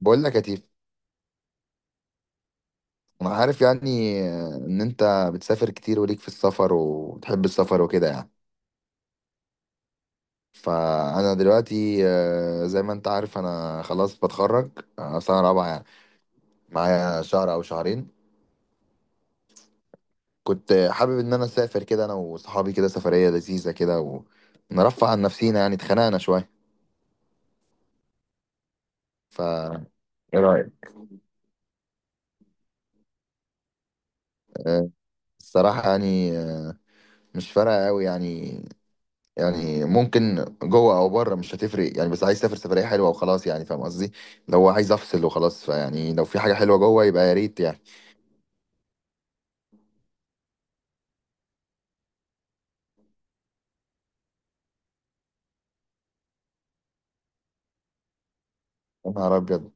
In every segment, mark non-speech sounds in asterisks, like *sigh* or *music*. بقول لك يا تيف. انا عارف يعني ان انت بتسافر كتير وليك في السفر وبتحب السفر وكده يعني. فانا دلوقتي زي ما انت عارف انا خلاص بتخرج، سنه رابعه يعني. معايا شهر او شهرين. كنت حابب ان انا اسافر كده، انا وصحابي، كده سفريه لذيذه كده ونرفع عن نفسينا يعني، اتخنقنا شويه. ف ايه رايك؟ آه، الصراحه يعني مش فارقه قوي يعني. يعني ممكن جوه او بره مش هتفرق يعني، بس عايز اسافر سفريه حلوه وخلاص، يعني فاهم قصدي. لو عايز افصل وخلاص، فيعني لو في حاجه حلوه جوه يبقى يا ريت يعني. يا نهار ابيض!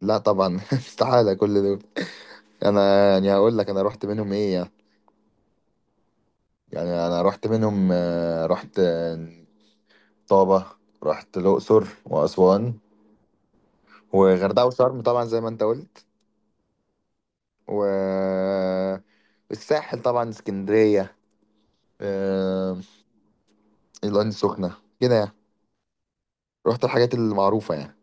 لا طبعا *laughs* استحاله كل دول. انا يعني هقول لك انا رحت منهم ايه يعني. يعني انا رحت منهم، رحت طابه. رحت الاقصر واسوان وغردقه وشرم طبعا زي ما انت قلت. و الساحل طبعا، اسكندريه، آه، العين السخنه كده يعني. رحت الحاجات المعروفه يعني.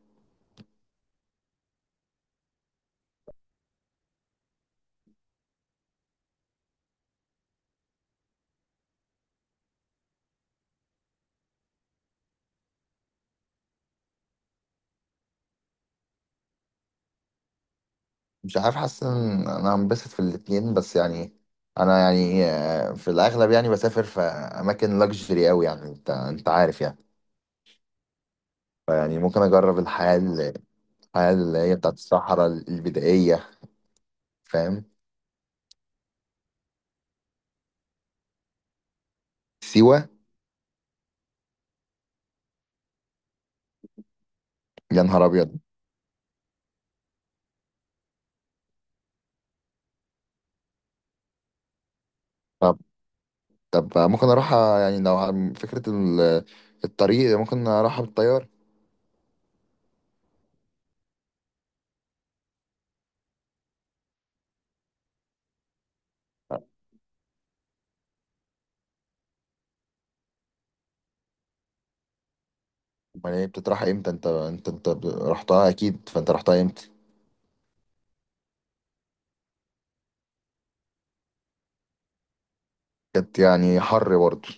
مش عارف، حاسس ان انا هنبسط في الاتنين بس يعني. انا يعني في الاغلب يعني بسافر في اماكن لاكجري قوي، يعني انت عارف يعني. فيعني ممكن اجرب الحياه الحياه اللي هي بتاعت الصحراء البدائيه، فاهم. سيوه؟ يا نهار ابيض! طب طب ممكن اروح، يعني لو عن فكره الطريق ممكن اروحها بالطيار. امال هي بتتراح امتى؟ انت رحتها اكيد، فانت رحتها امتى؟ كانت يعني حر برضه؟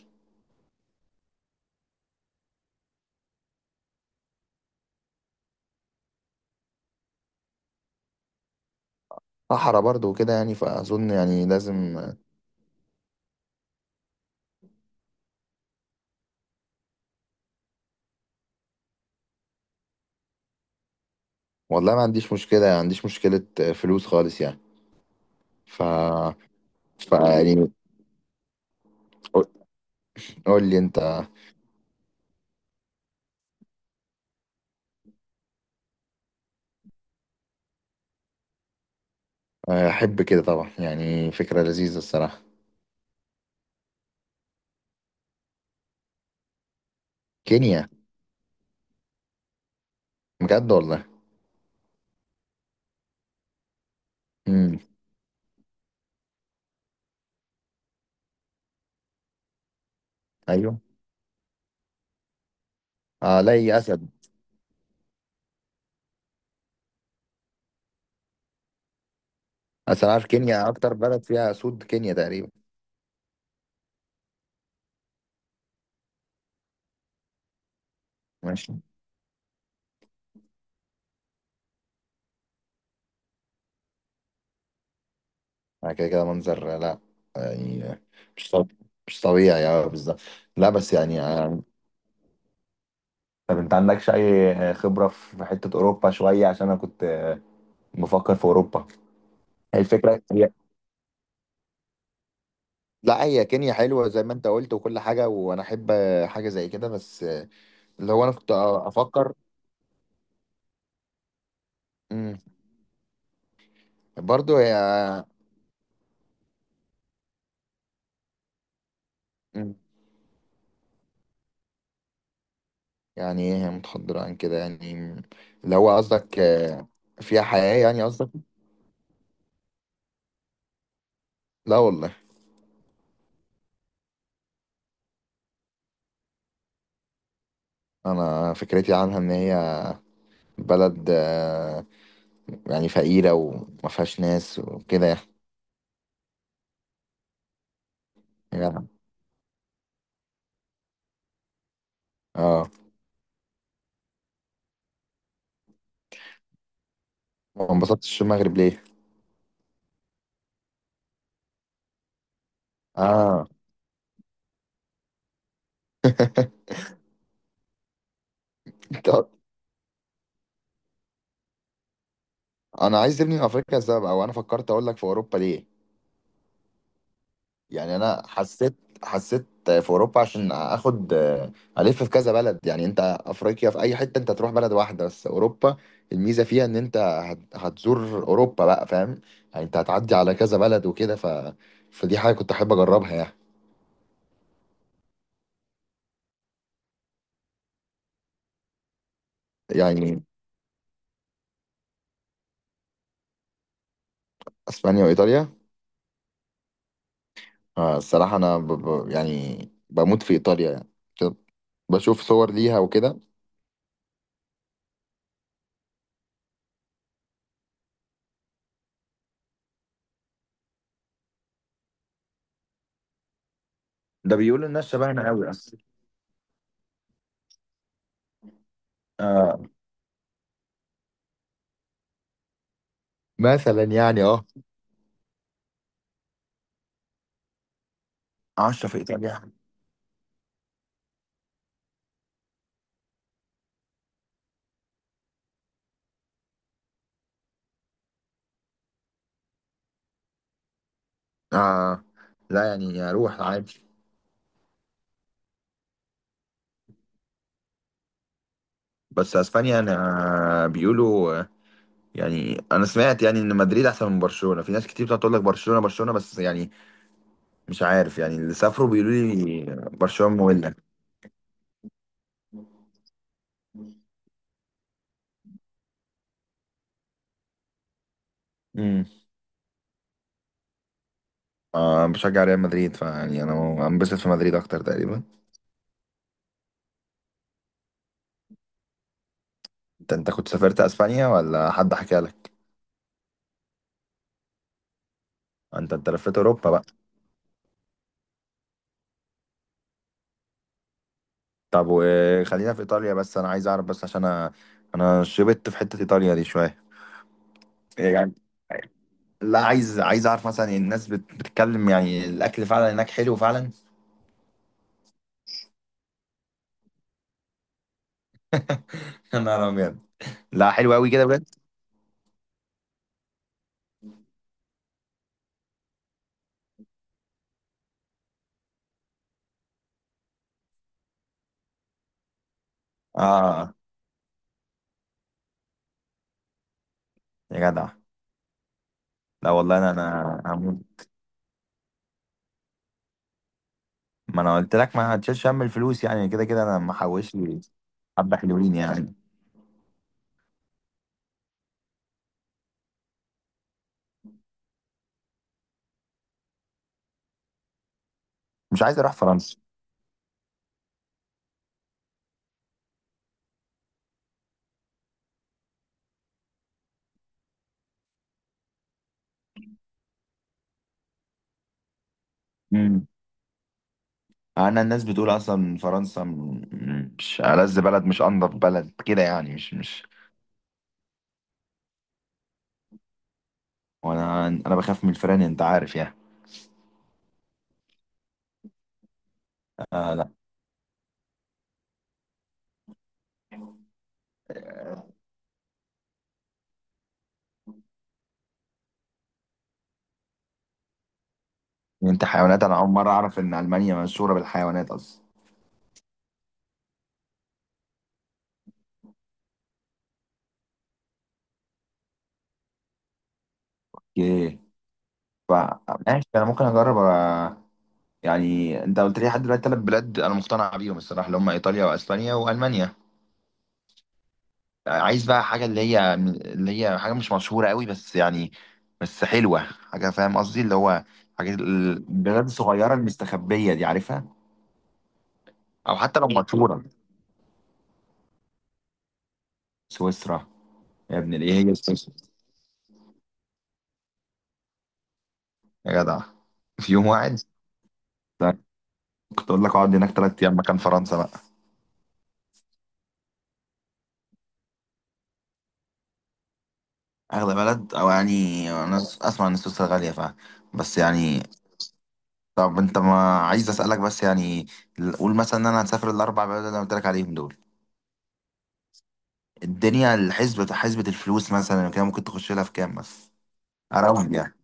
صحرا برضه وكده يعني، فاظن يعني لازم. والله ما عنديش مشكلة يعني، ما عنديش مشكلة فلوس خالص يعني. ف ف يعني. قول، قول لي انت. احب كده طبعا يعني، فكرة لذيذة الصراحة. كينيا؟ بجد والله. امم. ايوه. اه. لا، اسد. اصل أنا عارف كينيا اكتر بلد فيها اسود، كينيا تقريبا. ماشي. كده كده منظر، لا. يعني مش طبيعي. مش طبيعي، اه، بالظبط. لا بس يعني طب انت عندكش اي خبرة في حتة اوروبا شوية؟ عشان انا كنت بفكر في اوروبا. هي الفكرة. لا هي كينيا حلوة زي ما انت قلت وكل حاجة، وانا احب حاجة زي كده. بس اللي هو، انا كنت افكر. امم برضو هي. مم. يعني ايه هي متحضرة عن كده يعني؟ اللي هو قصدك فيها حياة يعني قصدك؟ لا والله. انا فكرتي عنها ان هي بلد يعني فقيرة وما فيهاش ناس وكده يعني. يعني- اه. ما انبسطتش في المغرب ليه؟ اه *laughs* طب انا عايز ابني من افريقيا السبب، او انا فكرت اقول لك في اوروبا ليه. يعني انا حسيت في اوروبا عشان اخد الف في كذا بلد، يعني انت افريقيا في اي حته انت تروح بلد واحده، بس اوروبا الميزه فيها ان انت هتزور اوروبا بقى، فاهم. يعني انت هتعدي على كذا بلد وكده فدي حاجه كنت احب اجربها يعني. يعني اسبانيا وايطاليا. الصراحه انا يعني بموت في ايطاليا يعني، كده. بشوف صور ليها وكده. ده بيقولوا الناس شبهنا قوي اصلا. آه، مثلا يعني، اه. 10 في ايطاليا. آه لا يعني اروح عادي. بس اسبانيا انا بيقولوا يعني انا سمعت يعني ان مدريد احسن من برشلونة. في ناس كتير بتقعد تقول لك برشلونة برشلونة، بس يعني مش عارف يعني، اللي سافروا بيقولوا لي برشلونة مملة. امم. آه، بشجع ريال مدريد، فيعني انا انبسط في مدريد اكتر تقريبا. انت كنت سافرت اسبانيا ولا حد حكى لك؟ انت لفيت اوروبا بقى. طب وخلينا في ايطاليا، بس انا عايز اعرف بس عشان انا شبت في حتة ايطاليا دي شوية. يعني لا، عايز اعرف مثلا، الناس بتتكلم يعني الاكل فعلا هناك حلو فعلا؟ *laughs* يا نهار ابيض! لا حلو قوي كده بجد. اه يا جدع. لا والله انا هموت. ما انا قلت لك ما هتشيلش هم الفلوس يعني، كده كده انا محوش لي حبه حلوين يعني. مش عايز اروح فرنسا. امم. انا الناس بتقول اصلا فرنسا مش ألذ بلد، مش انضف بلد كده يعني، مش. وانا انا بخاف من الفيران، انت عارف يعني. آه، لا. انت حيوانات؟ انا اول مره اعرف ان المانيا مشهوره بالحيوانات اصلا. اوكي. فماشي انا ممكن اجرب يعني انت قلت لي لحد دلوقتي ثلاث بلاد انا مقتنع بيهم الصراحه، اللي هم ايطاليا واسبانيا والمانيا. عايز بقى حاجه، اللي هي حاجه مش مشهوره قوي بس يعني، بس حلوه، حاجه فاهم قصدي، اللي هو حاجه البلاد الصغيره المستخبيه دي، عارفها؟ او حتى لو مشهوره. سويسرا؟ يا ابني ايه هي سويسرا؟ يا جدع. في يوم واحد؟ ده كنت اقول لك اقعد هناك 3 ايام مكان فرنسا بقى. اغلى بلد؟ او يعني انا اسمع ان سويسرا غاليه بس يعني. طب انت، ما عايز اسالك بس يعني، قول مثلا ان انا هسافر الاربع بلد اللي انا قلت لك عليهم دول، الدنيا الحسبة، حسبة الفلوس مثلا، كده ممكن تخش لها في كام بس؟ اراوند يعني.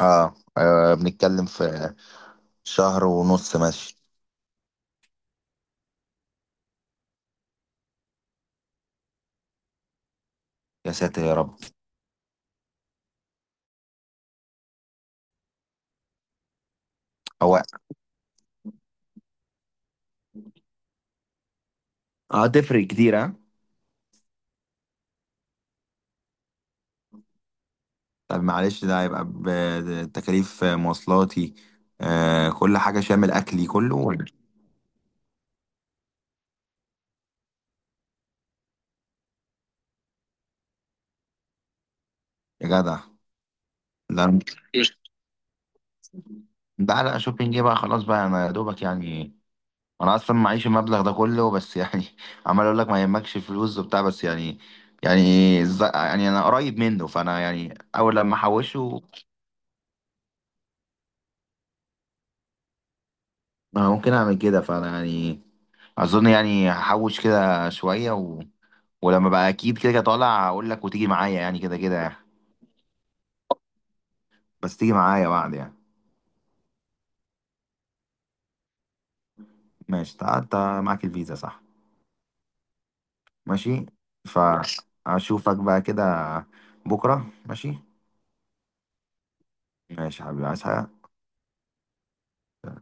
اه، بنتكلم في شهر ونص ماشي. يا ساتر يا رب! هو، اه، تفرق كتير ها؟ طب معلش، ده هيبقى بتكاليف مواصلاتي، كل حاجة شامل اكلي كله ولا؟ يا جدع. لا ده، لا شوبينج ايه بقى خلاص بقى، انا يا دوبك يعني، انا اصلا معيش المبلغ ده كله، بس يعني *laughs* عمال اقول لك ما يهمكش فلوس وبتاع بس يعني، يعني يعني انا قريب منه، فانا يعني اول لما احوشه. ممكن اعمل كده، فانا يعني اظن يعني هحوش كده شويه ولما بقى اكيد كده كده طالع اقول لك وتيجي معايا يعني، كده كده يعني. بس تيجي معايا بعد يعني. ماشي، انت معاك الفيزا صح؟ ماشي. فاشوفك بقى كده بكره، ماشي. ماشي يا حبيبي، عايز حاجه؟